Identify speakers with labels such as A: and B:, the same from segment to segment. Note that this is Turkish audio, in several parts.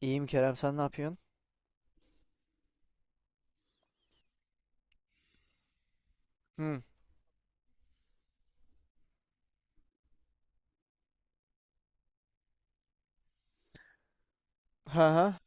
A: İyiyim Kerem, sen ne yapıyorsun? Hı. Ha ha.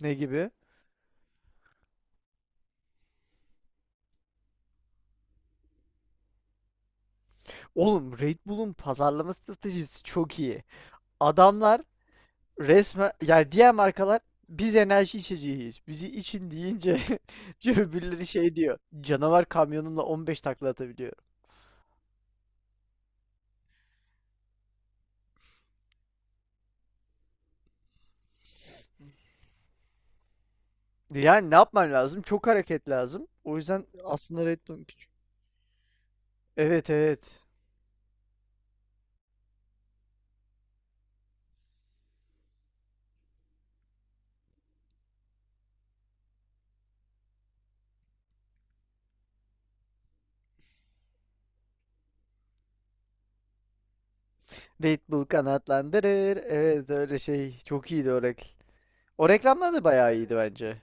A: Ne gibi? Oğlum Red Bull'un pazarlama stratejisi çok iyi. Adamlar resmen, yani diğer markalar biz enerji içeceğiyiz. Bizi için deyince öbürleri şey diyor. Canavar kamyonumla 15 takla atabiliyor. Yani ne yapman lazım? Çok hareket lazım. O yüzden aslında Red Bull'un küçük. Evet, evet. Red Bull kanatlandırır. Evet, öyle şey. Çok iyiydi o. O reklamlar da bayağı iyiydi bence.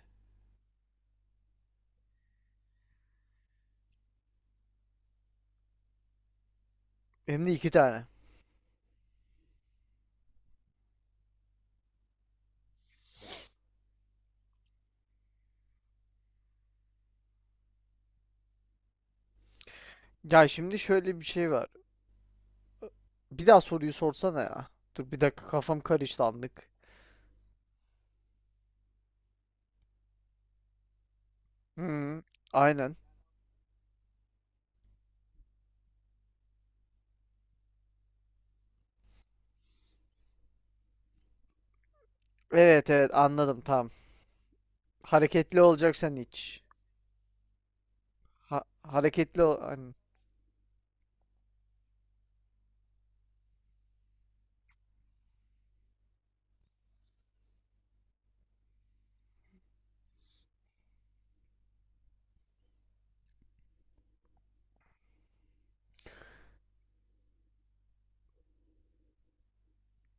A: Hem de iki tane. Ya şimdi şöyle bir şey var. Bir daha soruyu sorsana ya. Dur bir dakika, kafam karıştı anlık. Hı, aynen. Evet, evet, anladım, tamam. Hareketli olacaksan iç. Hareketli ol. Hani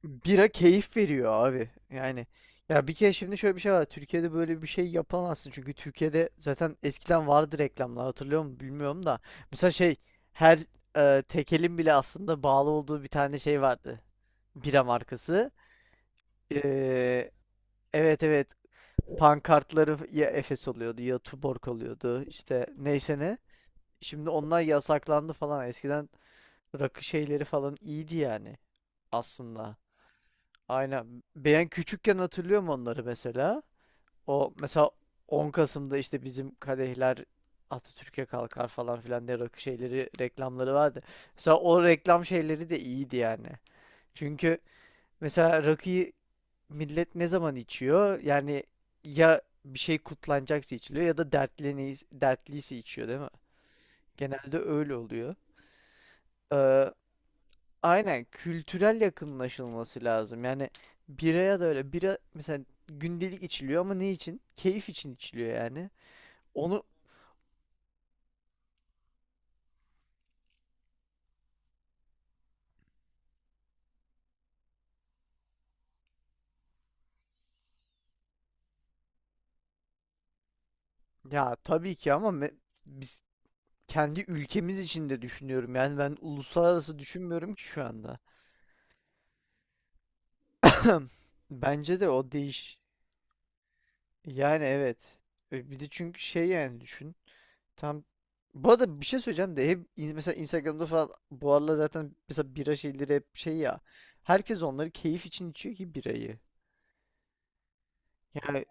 A: bira keyif veriyor abi. Yani ya bir kere şimdi şöyle bir şey var. Türkiye'de böyle bir şey yapamazsın. Çünkü Türkiye'de zaten eskiden vardı reklamlar, hatırlıyor musun bilmiyorum da. Mesela şey, her tekelin bile aslında bağlı olduğu bir tane şey vardı. Bira markası. Ee, evet, evet, pankartları ya Efes oluyordu ya Tuborg oluyordu işte, neyse ne. Şimdi onlar yasaklandı falan. Eskiden rakı şeyleri falan iyiydi yani aslında. Aynen. Ben küçükken hatırlıyorum onları mesela. O mesela 10 Kasım'da işte bizim kadehler Atatürk'e kalkar falan filan diye rakı şeyleri reklamları vardı. Mesela o reklam şeyleri de iyiydi yani. Çünkü mesela rakıyı millet ne zaman içiyor? Yani ya bir şey kutlanacaksa içiliyor, ya da dertliyse içiyor, değil mi? Genelde öyle oluyor. Ee, aynen, kültürel yakınlaşılması lazım. Yani biraya da öyle. Bira mesela gündelik içiliyor ama ne için? Keyif için içiliyor yani. Onu ya tabii ki, ama biz kendi ülkemiz için de düşünüyorum. Yani ben uluslararası düşünmüyorum ki şu anda. Bence de o değiş. Yani evet. Bir de çünkü şey, yani düşün. Tam bu arada bir şey söyleyeceğim de, hep mesela Instagram'da falan bu aralar zaten mesela bira şeyleri hep şey ya. Herkes onları keyif için içiyor ki, birayı. Yani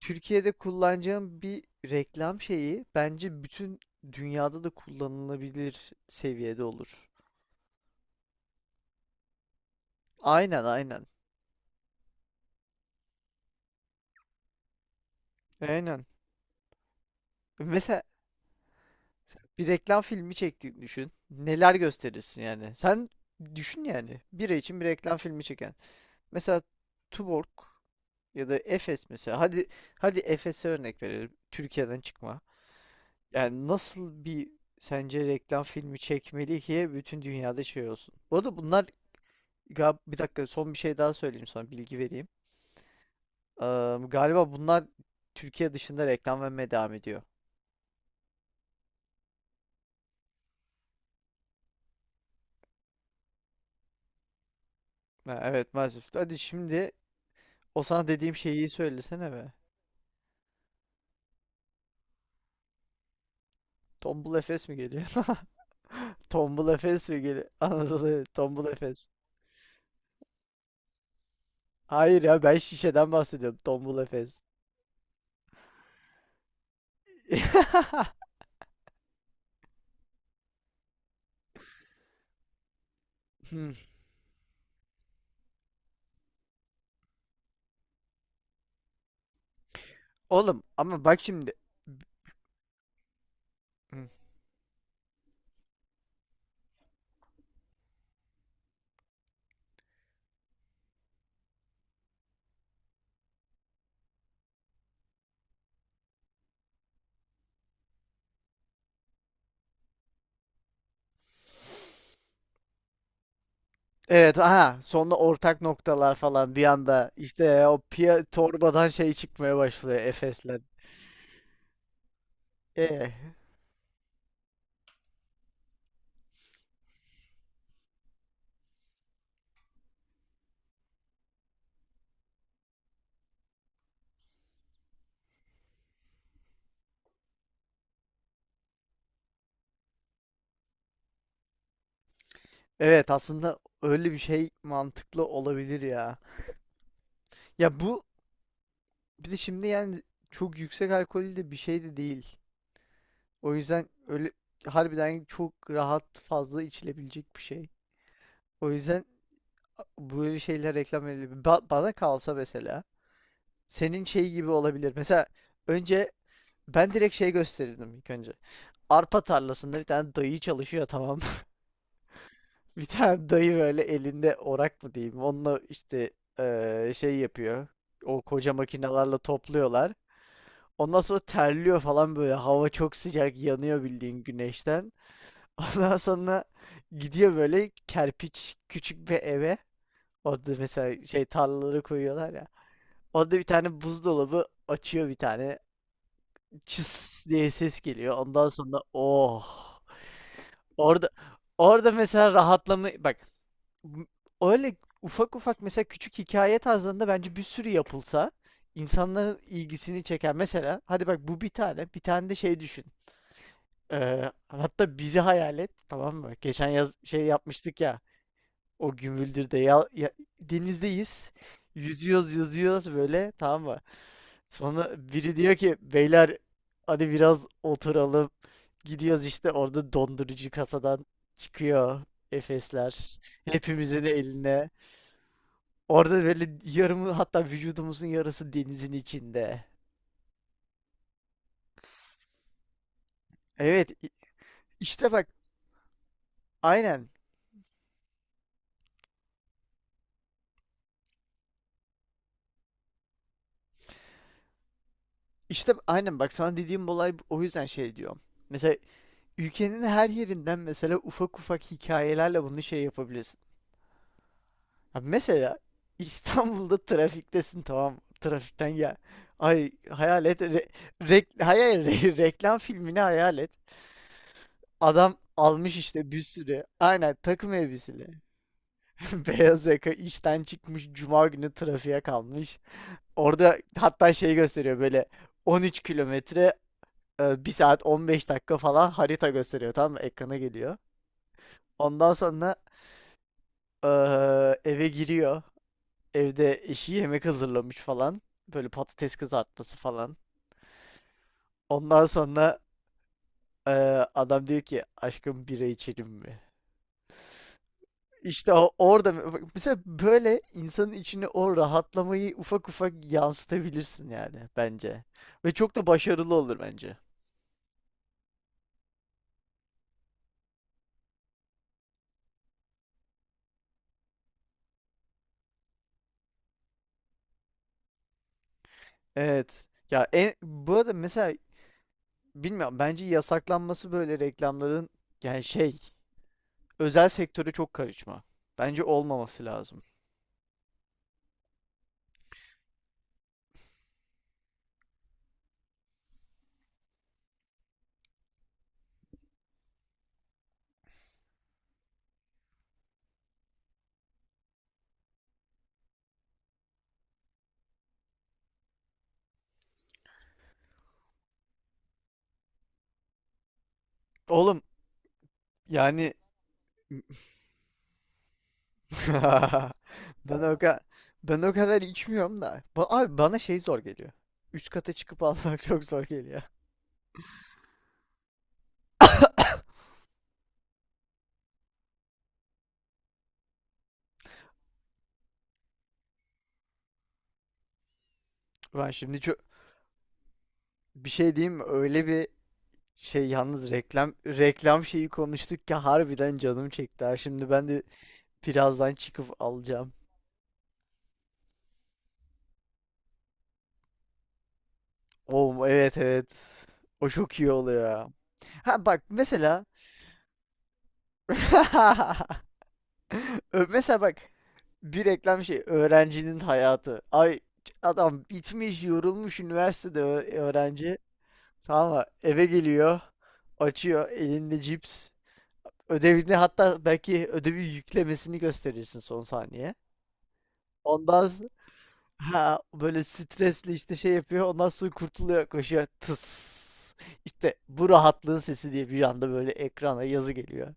A: Türkiye'de kullanacağım bir reklam şeyi bence bütün dünyada da kullanılabilir seviyede olur. Aynen, aynen. Aynen. Mesela bir reklam filmi çektiğini düşün. Neler gösterirsin yani? Sen düşün yani. Bira için bir reklam filmi çeken. Mesela Tuborg ya da Efes mesela. Hadi hadi Efes'e örnek verelim. Türkiye'den çıkma. Yani nasıl bir, sence reklam filmi çekmeli ki bütün dünyada şey olsun. Bu arada bunlar bir dakika, son bir şey daha söyleyeyim, sana bilgi vereyim. Galiba bunlar Türkiye dışında reklam vermeye devam ediyor. Ha, evet maalesef. Hadi şimdi o sana dediğim şeyi söylesene be. Tombul Efes mi geliyor? Tombul Efes mi geliyor? Anadolu, evet, Tombul Efes. Hayır ya, ben şişeden bahsediyorum. Tombul Efes. Oğlum ama bak şimdi. Hı. Evet, aha, sonra ortak noktalar falan bir anda işte o piya torbadan şey çıkmaya başlıyor Efes'le. Ee, evet, aslında öyle bir şey mantıklı olabilir ya. Ya bu bir de şimdi yani, çok yüksek alkollü de bir şey de değil. O yüzden öyle harbiden çok rahat fazla içilebilecek bir şey. O yüzden böyle şeyler reklam edilebilir. Bana kalsa mesela senin şey gibi olabilir. Mesela önce, ben direkt şey gösterirdim ilk önce. Arpa tarlasında bir tane dayı çalışıyor, tamam. Bir tane dayı böyle elinde orak mı diyeyim. Onunla işte şey yapıyor. O koca makinelerle topluyorlar. Ondan sonra terliyor falan böyle. Hava çok sıcak, yanıyor bildiğin güneşten. Ondan sonra gidiyor böyle kerpiç küçük bir eve. Orada mesela şey tarlaları koyuyorlar ya. Orada bir tane buzdolabı açıyor, bir tane. Çıs diye ses geliyor. Ondan sonra oh. Orada orada mesela rahatlama, bak m- öyle ufak ufak mesela, küçük hikaye tarzlarında bence bir sürü yapılsa insanların ilgisini çeker. Mesela hadi bak, bu bir tane, bir tane de şey düşün. Hatta bizi hayal et, tamam mı? Geçen yaz şey yapmıştık ya, o Gümüldür'de ya, denizdeyiz. Yüzüyoruz yüzüyoruz böyle, tamam mı? Sonra biri diyor ki, beyler hadi biraz oturalım. Gidiyoruz, işte orada dondurucu kasadan çıkıyor Efesler. Hepimizin eline. Orada böyle yarımı, hatta vücudumuzun yarısı denizin içinde. Evet, işte bak, aynen. İşte aynen, bak sana dediğim olay, o yüzden şey diyorum. Mesela ülkenin her yerinden, mesela ufak ufak hikayelerle bunu şey yapabilirsin. Ha mesela, İstanbul'da trafiktesin, tamam mı? Trafikten ya. Ay, hayal et. Reklam filmini hayal et. Adam almış işte bir sürü. Aynen, takım elbiseli. Beyaz yaka işten çıkmış. Cuma günü trafiğe kalmış. Orada hatta şey gösteriyor böyle, 13 kilometre, bir saat 15 dakika falan, harita gösteriyor, tamam mı? Ekrana geliyor. Ondan sonra e, eve giriyor. Evde eşi yemek hazırlamış falan. Böyle patates kızartması falan. Ondan sonra e, adam diyor ki, aşkım bira içelim mi? İşte orada bak mesela, böyle insanın içine o rahatlamayı ufak ufak yansıtabilirsin yani bence. Ve çok da başarılı olur bence. Evet. Ya bu arada mesela, bilmiyorum, bence yasaklanması böyle reklamların, yani şey, özel sektöre çok karışma. Bence olmaması lazım. Oğlum, yani ben o kadar ben o kadar içmiyorum da. Abi bana şey zor geliyor. Üst kata çıkıp almak çok zor geliyor. Ben şimdi çok Bir şey diyeyim mi? Öyle bir şey yalnız, reklam şeyi konuştuk ki harbiden canım çekti. Ha. Şimdi ben de birazdan çıkıp alacağım. Oo, evet, evet. O çok iyi oluyor ya. Ha bak mesela. Mesela bak, bir reklam şey, öğrencinin hayatı. Ay, adam bitmiş yorulmuş, üniversitede öğrenci. Tamam mı? Eve geliyor. Açıyor, elinde cips. Ödevini, hatta belki ödevi yüklemesini gösterirsin son saniye. Ondan s- ha böyle stresli işte şey yapıyor. Ondan sonra kurtuluyor, koşuyor. Tıs. İşte bu rahatlığın sesi, diye bir anda böyle ekrana yazı geliyor.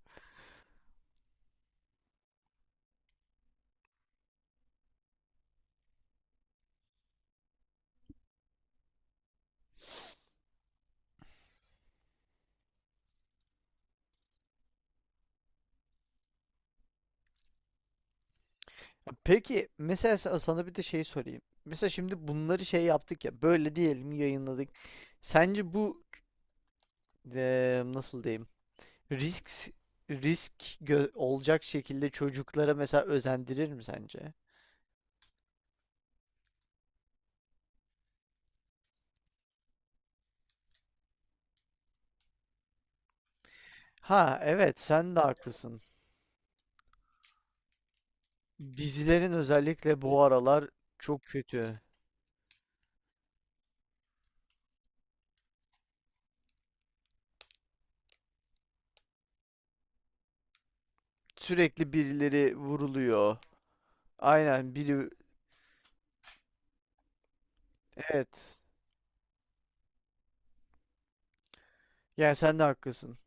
A: Peki mesela sana bir de şey sorayım. Mesela şimdi bunları şey yaptık ya, böyle diyelim yayınladık. Sence bu nasıl diyeyim? Risk risk olacak şekilde çocuklara mesela özendirir mi sence? Ha evet, sen de haklısın. Dizilerin özellikle bu aralar çok kötü. Sürekli birileri vuruluyor. Aynen, biri, evet. Yani sen de haklısın.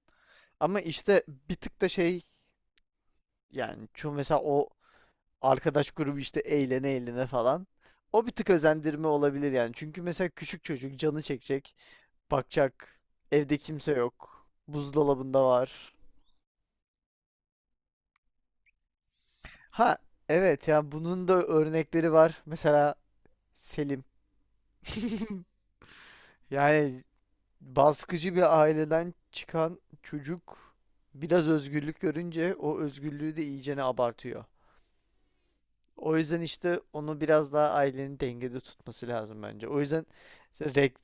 A: Ama işte bir tık da şey, yani şu mesela, o arkadaş grubu işte eğlene eğlene falan. O bir tık özendirme olabilir yani. Çünkü mesela küçük çocuk canı çekecek, bakacak. Evde kimse yok. Buzdolabında var. Ha evet ya, bunun da örnekleri var. Mesela Selim. Yani baskıcı bir aileden çıkan çocuk biraz özgürlük görünce, o özgürlüğü de iyicene abartıyor. O yüzden işte onu biraz daha ailenin dengede tutması lazım bence. O yüzden işte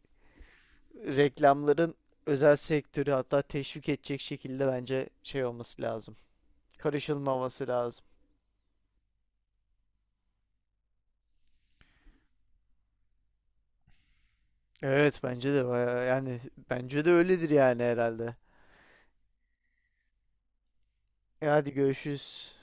A: reklamların özel sektörü hatta teşvik edecek şekilde bence şey olması lazım. Karışılmaması lazım. Evet bence de bayağı yani, bence de öyledir yani herhalde. E hadi, görüşürüz.